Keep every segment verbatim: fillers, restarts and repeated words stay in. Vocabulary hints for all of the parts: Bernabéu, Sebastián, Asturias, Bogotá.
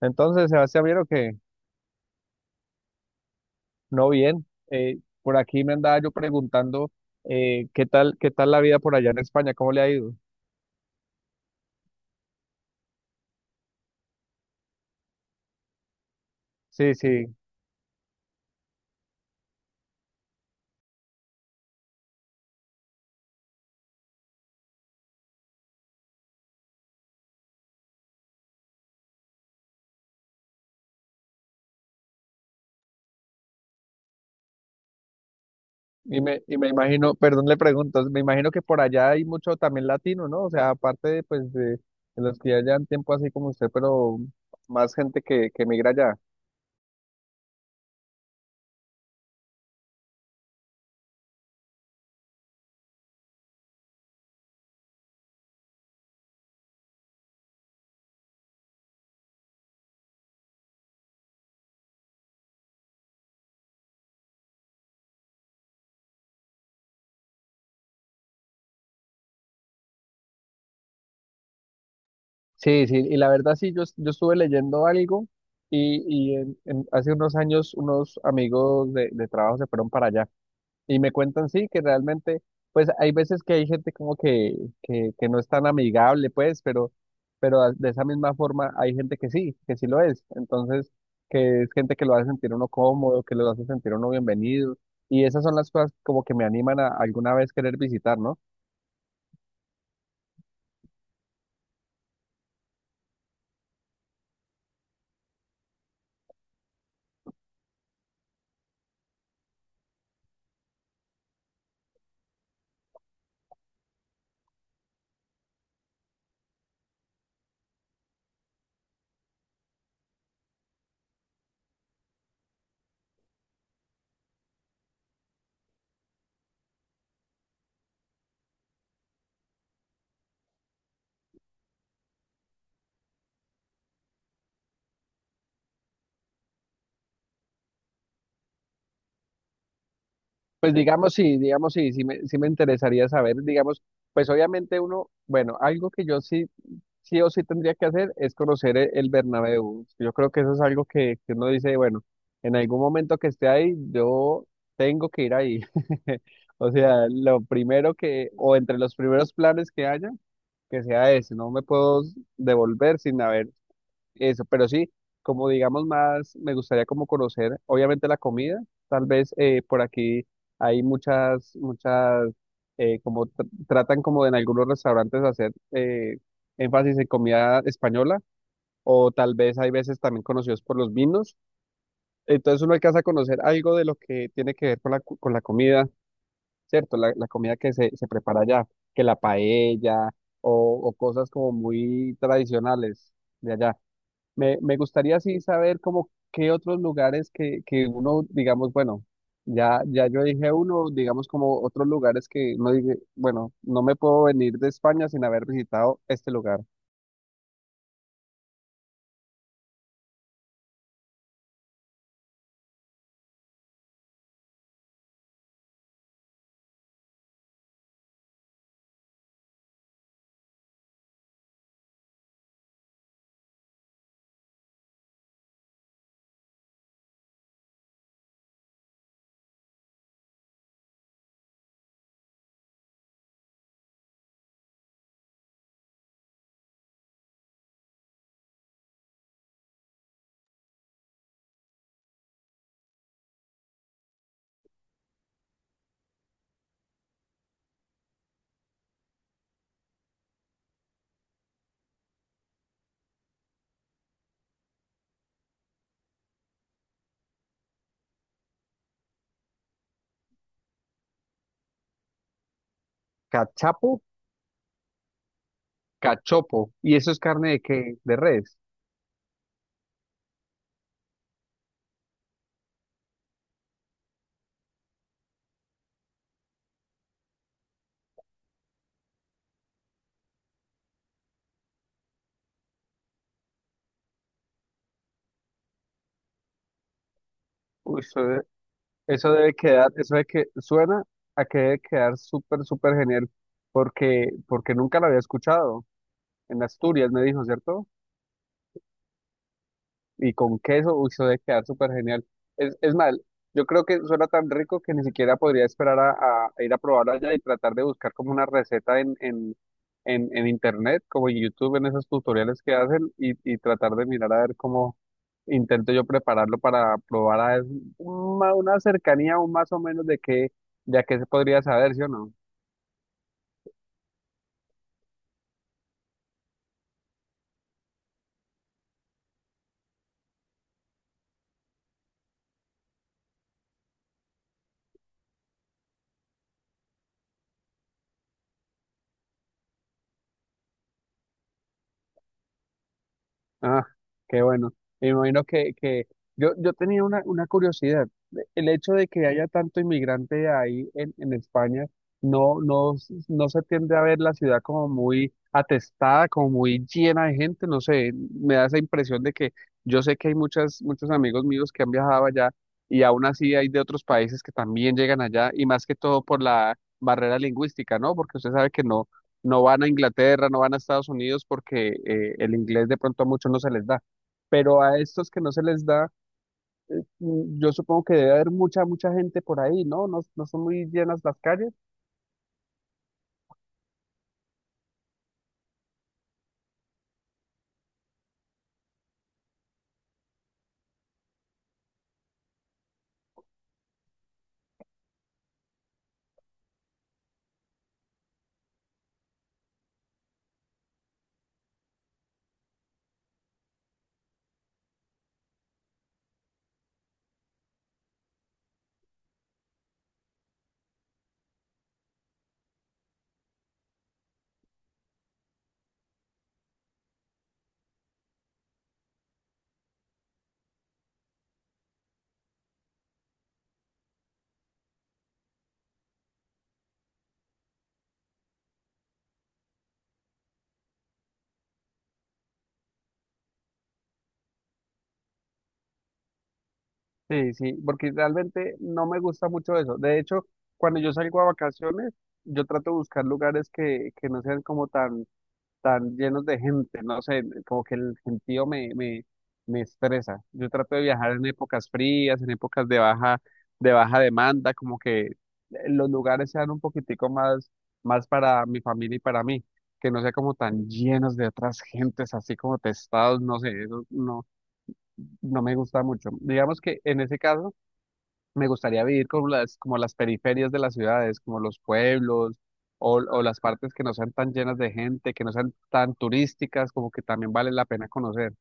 Entonces, Sebastián, vieron que no bien. Eh, por aquí me andaba yo preguntando eh, qué tal, qué tal la vida por allá en España, cómo le ha ido. Sí, sí. Y me, y me imagino, perdón, le pregunto, me imagino que por allá hay mucho también latino, ¿no? O sea, aparte de, pues, de, de los que ya llevan tiempo así como usted, pero más gente que, que migra allá. Sí, sí, y la verdad sí, yo, es- yo estuve leyendo algo y, y en- en- hace unos años unos amigos de, de trabajo se fueron para allá. Y me cuentan, sí, que realmente, pues hay veces que hay gente como que, que, que no es tan amigable, pues, pero, pero a- de esa misma forma hay gente que sí, que sí lo es. Entonces, que es gente que lo hace sentir uno cómodo, que lo hace sentir uno bienvenido. Y esas son las cosas como que me animan a alguna vez querer visitar, ¿no? Pues digamos, sí, digamos, sí, sí me, sí me interesaría saber, digamos, pues obviamente uno, bueno, algo que yo sí sí o sí tendría que hacer es conocer e- el Bernabéu. Yo creo que eso es algo que, que uno dice, bueno, en algún momento que esté ahí, yo tengo que ir ahí. O sea, lo primero que, o entre los primeros planes que haya, que sea ese. No me puedo devolver sin haber eso, pero sí, como digamos más, me gustaría como conocer, obviamente la comida, tal vez eh, por aquí hay muchas, muchas, eh, como tr- tratan como en algunos restaurantes hacer eh, énfasis en comida española, o tal vez hay veces también conocidos por los vinos, entonces uno alcanza a conocer algo de lo que tiene que ver con la, cu- con la comida, ¿cierto? La, la comida que se, se prepara allá, que la paella o, o cosas como muy tradicionales de allá. Me, me gustaría así saber como qué otros lugares que, que uno, digamos, bueno, ya, ya yo dije uno, digamos como otros lugares que no dije, bueno, no me puedo venir de España sin haber visitado este lugar. Cachapo, cachopo. ¿Y eso es carne de qué? De res. Uy, eso, de- eso debe quedar, eso de que suena a que debe quedar súper, súper genial porque, porque nunca lo había escuchado. En Asturias me dijo, ¿cierto? Y con queso, uy, eso debe quedar súper genial. Es, es mal, yo creo que suena tan rico que ni siquiera podría esperar a, a- a ir a probarlo allá y tratar de buscar como una receta en, en, en, en internet, como en YouTube, en esos tutoriales que hacen y, y tratar de mirar a ver cómo intento yo prepararlo para probar a ver una, una cercanía o más o menos de qué, de a qué se podría saber, ¿sí o no? Ah, qué bueno. Me imagino que, que yo, yo tenía una, una curiosidad. El hecho de que haya tanto inmigrante ahí en, en España, no, no, no se tiende a ver la ciudad como muy atestada, como muy llena de gente. No sé, me da esa impresión de que yo sé que hay muchas, muchos amigos míos que han viajado allá y aún así hay de otros países que también llegan allá y más que todo por la barrera lingüística, ¿no? Porque usted sabe que no no van a Inglaterra, no van a Estados Unidos porque eh, el inglés de pronto a muchos no se les da. Pero a estos que no se les da, mm, yo supongo que debe haber mucha, mucha gente por ahí, ¿no? No, no son muy llenas las calles. Sí, sí, porque realmente no me gusta mucho eso. De hecho, cuando yo salgo a vacaciones, yo trato de buscar lugares que, que no sean como tan tan llenos de gente, no sé, como que el gentío me, me, me estresa. Yo trato de viajar en épocas frías, en épocas de baja, de baja demanda, como que eh, los lugares sean un poquitico más, más para mi familia y para mí, que no sea como tan llenos de otras gentes, así como testados, no sé, eso no, no me gusta mucho. Digamos que en ese caso me gustaría vivir como las, como las periferias de las ciudades, como los pueblos o, o las partes que no sean tan llenas de gente, que no sean tan turísticas, como que también vale la pena conocer.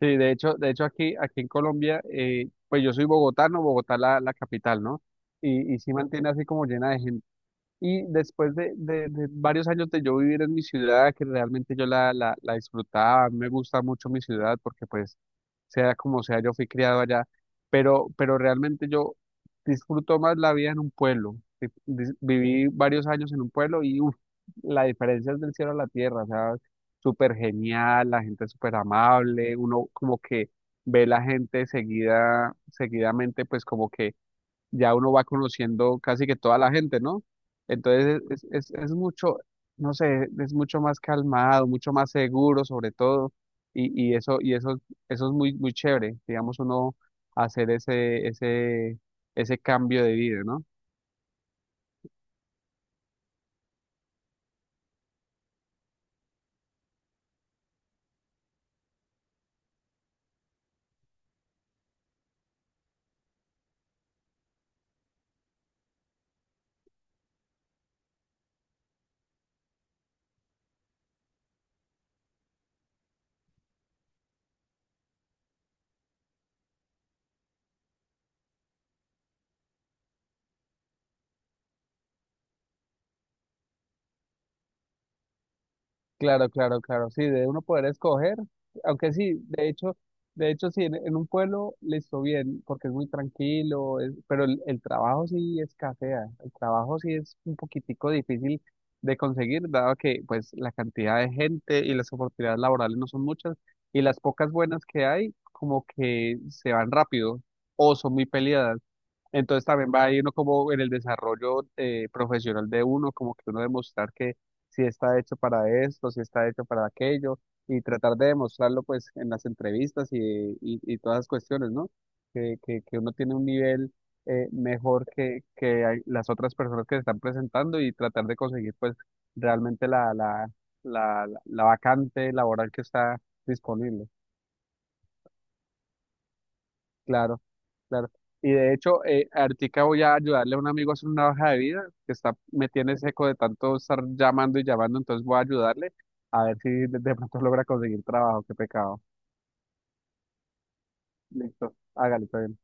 Sí, de hecho, de hecho aquí, aquí en Colombia, eh, pues yo soy bogotano, Bogotá la, la capital, ¿no? Y, y sí mantiene así como llena de gente. Y después de, de- de varios años de yo vivir en mi ciudad, que realmente yo la, la, la disfrutaba, me gusta mucho mi ciudad porque pues sea como sea, yo fui criado allá, pero, pero realmente yo disfruto más la vida en un pueblo. Di- dis- Viví varios años en un pueblo y uf, la diferencia es del cielo a la tierra, o sea, súper genial, la gente es súper amable, uno como que ve la gente seguida, seguidamente, pues como que ya uno va conociendo casi que toda la gente, ¿no? Entonces es, es, es mucho, no sé, es mucho más calmado, mucho más seguro sobre todo, y, y eso, y eso, eso es muy, muy chévere, digamos, uno hacer ese, ese, ese cambio de vida, ¿no? Claro, claro, claro, sí, de uno poder escoger, aunque sí, de hecho, de hecho sí, en, en un pueblo listo bien, porque es muy tranquilo, es- pero el, el trabajo sí escasea, el trabajo sí es un poquitico difícil de conseguir, dado que pues la cantidad de gente y las oportunidades laborales no son muchas, y las pocas buenas que hay como que se van rápido o son muy peleadas. Entonces también va a ir uno como en el desarrollo eh, profesional de uno, como que uno demostrar que si está hecho para esto, si está hecho para aquello, y tratar de demostrarlo pues en las entrevistas y, y, y todas las cuestiones, ¿no? Que, que, que uno tiene un nivel eh, mejor que, que hay- las otras personas que se están presentando y tratar de conseguir pues realmente la, la, la, la la vacante laboral que está disponible. Claro, claro. Y de hecho, eh, ahorita voy a ayudarle a un amigo a hacer una hoja de vida que está, me tiene seco de tanto estar llamando y llamando, entonces voy a ayudarle a ver si de de pronto logra conseguir trabajo. Qué pecado. Listo, hágale, todo bien.